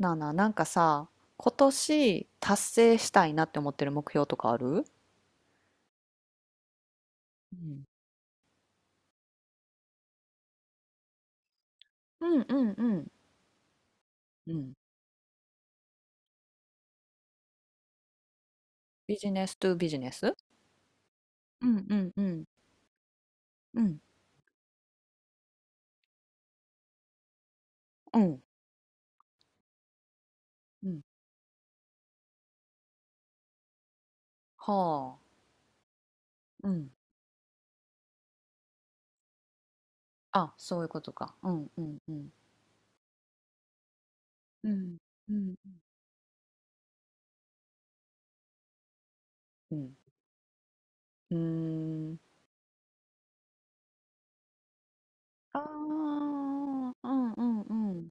なあなあ、なんかさ、今年達成したいなって思ってる目標とかある？うんうんうんうんうんビジネストゥビジネスうんうんうんうんうんうんはあ。うん。あ、そういうことか。うんうんうん。うんうんうん。うーん。あーうんうんうん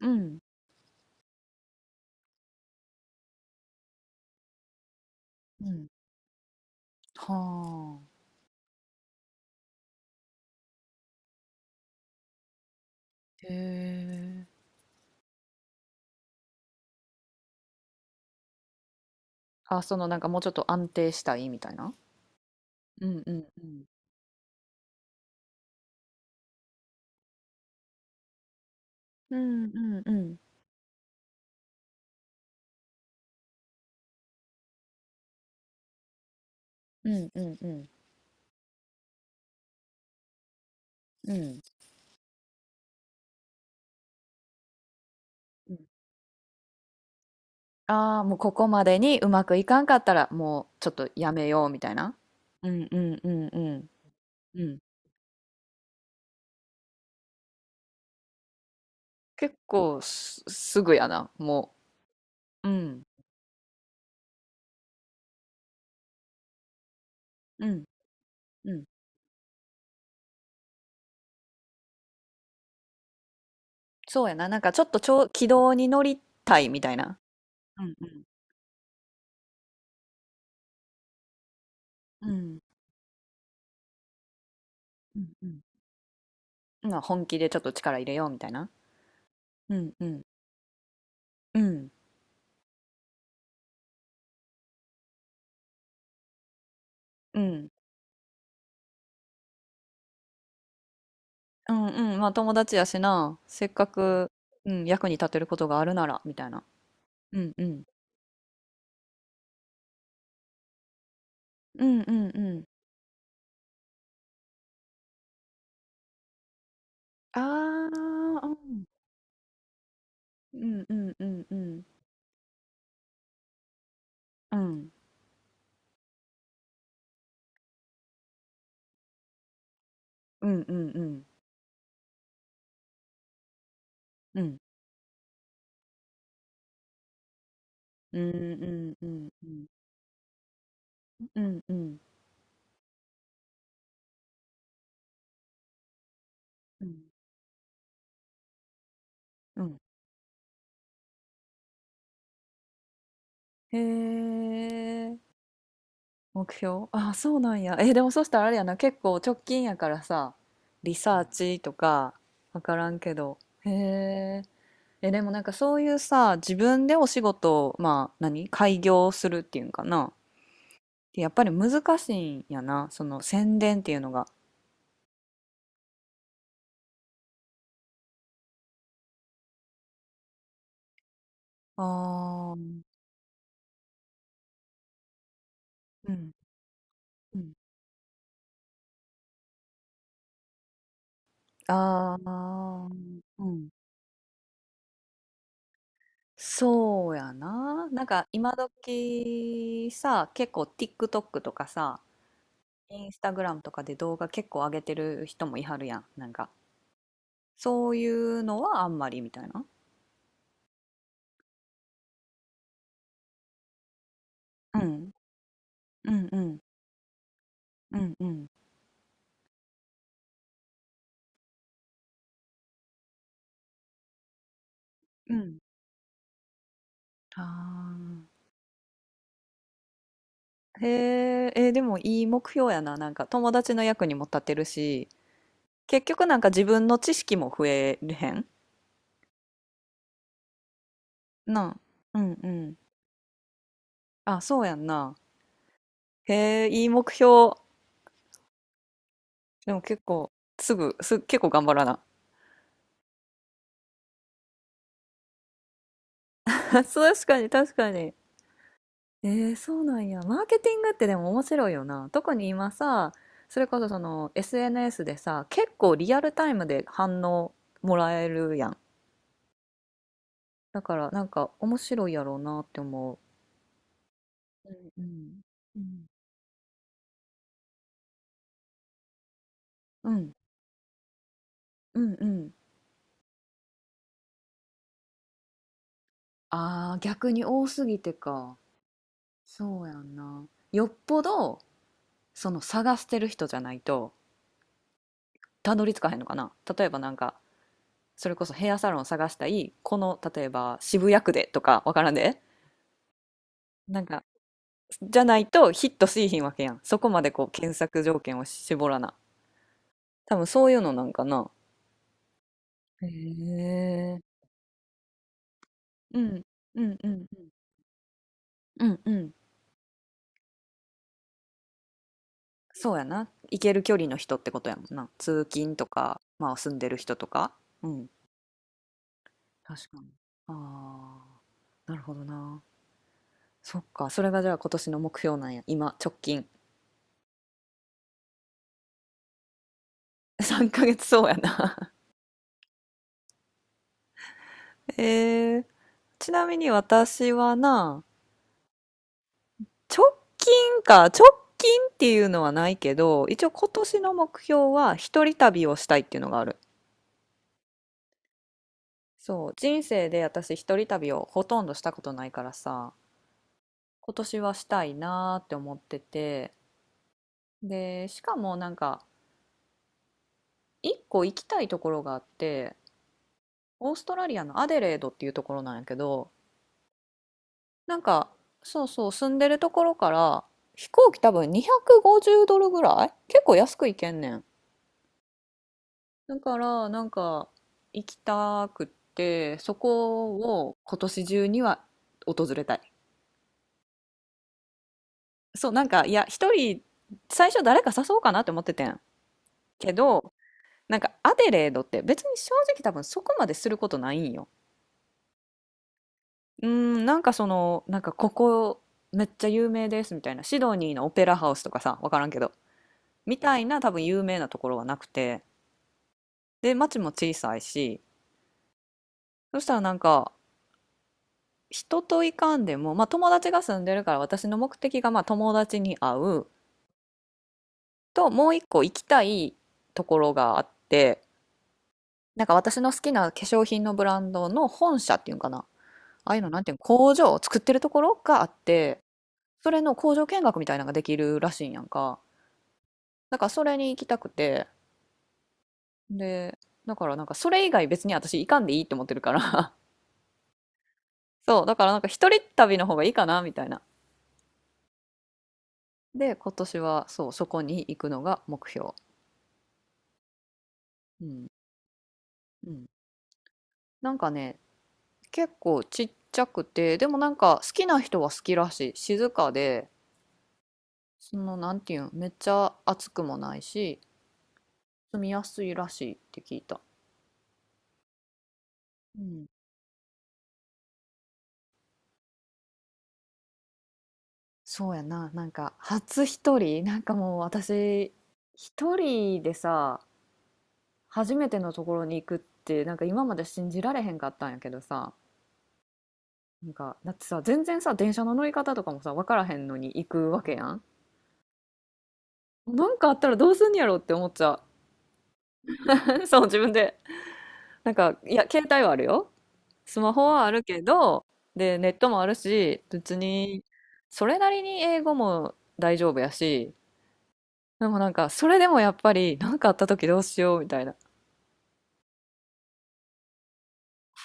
うんうんはあへえあ。あ、そのなんかもうちょっと安定したいみたいな。うんうんうんうんうんうんうんうんうんうん。うんああ、もうここまでにうまくいかんかったら、もうちょっとやめようみたいな。うんうんうんうん。うん。結構すぐやな、もう。うん。うんうん。そうやな。なんかちょっと軌道に乗りたいみたいな。うんうん。うんうんうんうんうんまあ本気でちょっと力入れようみたいな。うんうんうんうんうんうん。まあ友達やしな。せっかく、うん、役に立てることがあるならみたいな。うんうん。うんうんうん。ああ、うん。うんうんうんうん。うん。うんうんうん。うん。うんうんうんうん。うんうん。うん。うん。へえ。目標あ、そうなんや。え、でもそしたらあれやな、結構直近やからさ、リサーチとか、わからんけど。へえ。え、でもなんかそういうさ、自分でお仕事を、まあ、何開業するっていうんかな。やっぱり難しいんやな、その宣伝っていうのが。ああ。うんうん。ああ、うん。そうやな。なんか今時さ、結構 TikTok とかさ、インスタグラムとかで動画結構上げてる人もいはるやん。なんか、そういうのはあんまりみたいな。うん。うんうんうんうんうん。ああ。へえ、えー、でもいい目標やな。なんか友達の役にも立てるし、結局なんか自分の知識も増えるへんなあ。うんうん。あ、そうやんな。へえ、いい目標。でも結構、すぐ、す、結構頑張らな。確かに、確かに。えー、そうなんや。マーケティングってでも面白いよな。特に今さ、それこそその SNS でさ、結構リアルタイムで反応もらえるやん。だからなんか面白いやろうなって思う。うんうんうんうんうん。ああ、逆に多すぎてか。そうやんな。よっぽど、その探してる人じゃないと、たどり着かへんのかな、例えばなんかそれこそヘアサロンを探したい、この例えば渋谷区でとか、わからんで。なんかじゃないとヒットしいひんわけやん、そこまでこう検索条件を絞らな。多分そういうのなんかな。へえうんうんうんうんうんうん。そうやな、行ける距離の人ってことやもんな、通勤とかまあ住んでる人とか。うん、確かに。ああなるほどな。そっかそれがじゃあ今年の目標なんや、今直近3ヶ月そうやな。えー、ちなみに私はな、直近か、直近っていうのはないけど、一応今年の目標は一人旅をしたいっていうのがある。そう、人生で私一人旅をほとんどしたことないからさ、今年はしたいなーって思ってて、で、しかもなんか、一個行きたいところがあって、オーストラリアのアデレードっていうところなんやけど、なんか、そうそう、住んでるところから、飛行機多分250ドルぐらい結構安く行けんねん。だから、なんか、行きたくって、そこを今年中には訪れたい。そう、なんか、いや、一人、最初誰か誘おうかなって思っててん。けど、なんか、アデレードって別に正直多分そこまですることないんよ。なんかなんかここ、めっちゃ有名ですみたいな、シドニーのオペラハウスとかさ、分からんけどみたいな、多分有名なところはなくて、で町も小さいし、そしたらなんか人といかんでも、まあ、友達が住んでるから私の目的がまあ友達に会うと、もう一個行きたいところがあって、なんか私の好きな化粧品のブランドの本社っていうんかな、ああいうのなんていうの、工場を作ってるところがあって、それの工場見学みたいなのができるらしいんやんか。だからそれに行きたくて、で、だからなんかそれ以外別に私行かんでいいって思ってるから、そう、だからなんか一人旅の方がいいかなみたいな。で、今年はそう、そこに行くのが目標。うん。うん。なんかね、結構ちっちゃくて、でもなんか好きな人は好きらしい。静かで、その、なんていうん、めっちゃ暑くもないし、住みやすいらしいって聞いた。うん。そうやな、なんか初一人、なんかもう私、一人でさ、初めてのところに行くって、なんか今まで信じられへんかったんやけどさ、なんか、だってさ、全然さ、電車の乗り方とかもさ、分からへんのに行くわけやん。なんかあったらどうすんやろって思っちゃう。そう、自分で。なんか、いや、携帯はあるよ。スマホはあるけど、で、ネットもあるし、別に、それなりに英語も大丈夫やし、でもなんか、それでもやっぱり、なんかあった時どうしようみたいな。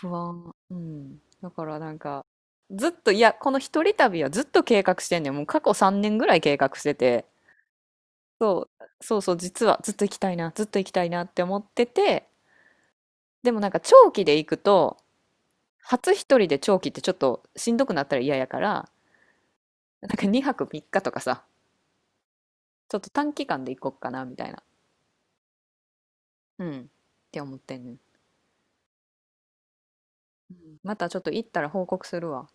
不安。うん。だからなんか、ずっと、いや、この一人旅はずっと計画してんねん。もう過去3年ぐらい計画してて、そう、そうそう、実はずっと行きたいな、ずっと行きたいなって思ってて、でもなんか長期で行くと、初一人で長期ってちょっとしんどくなったら嫌やから、なんか2泊3日とかさ、ちょっと短期間で行こっかなみたいな、うん、って思ってんねん。うん、またちょっと行ったら報告するわ。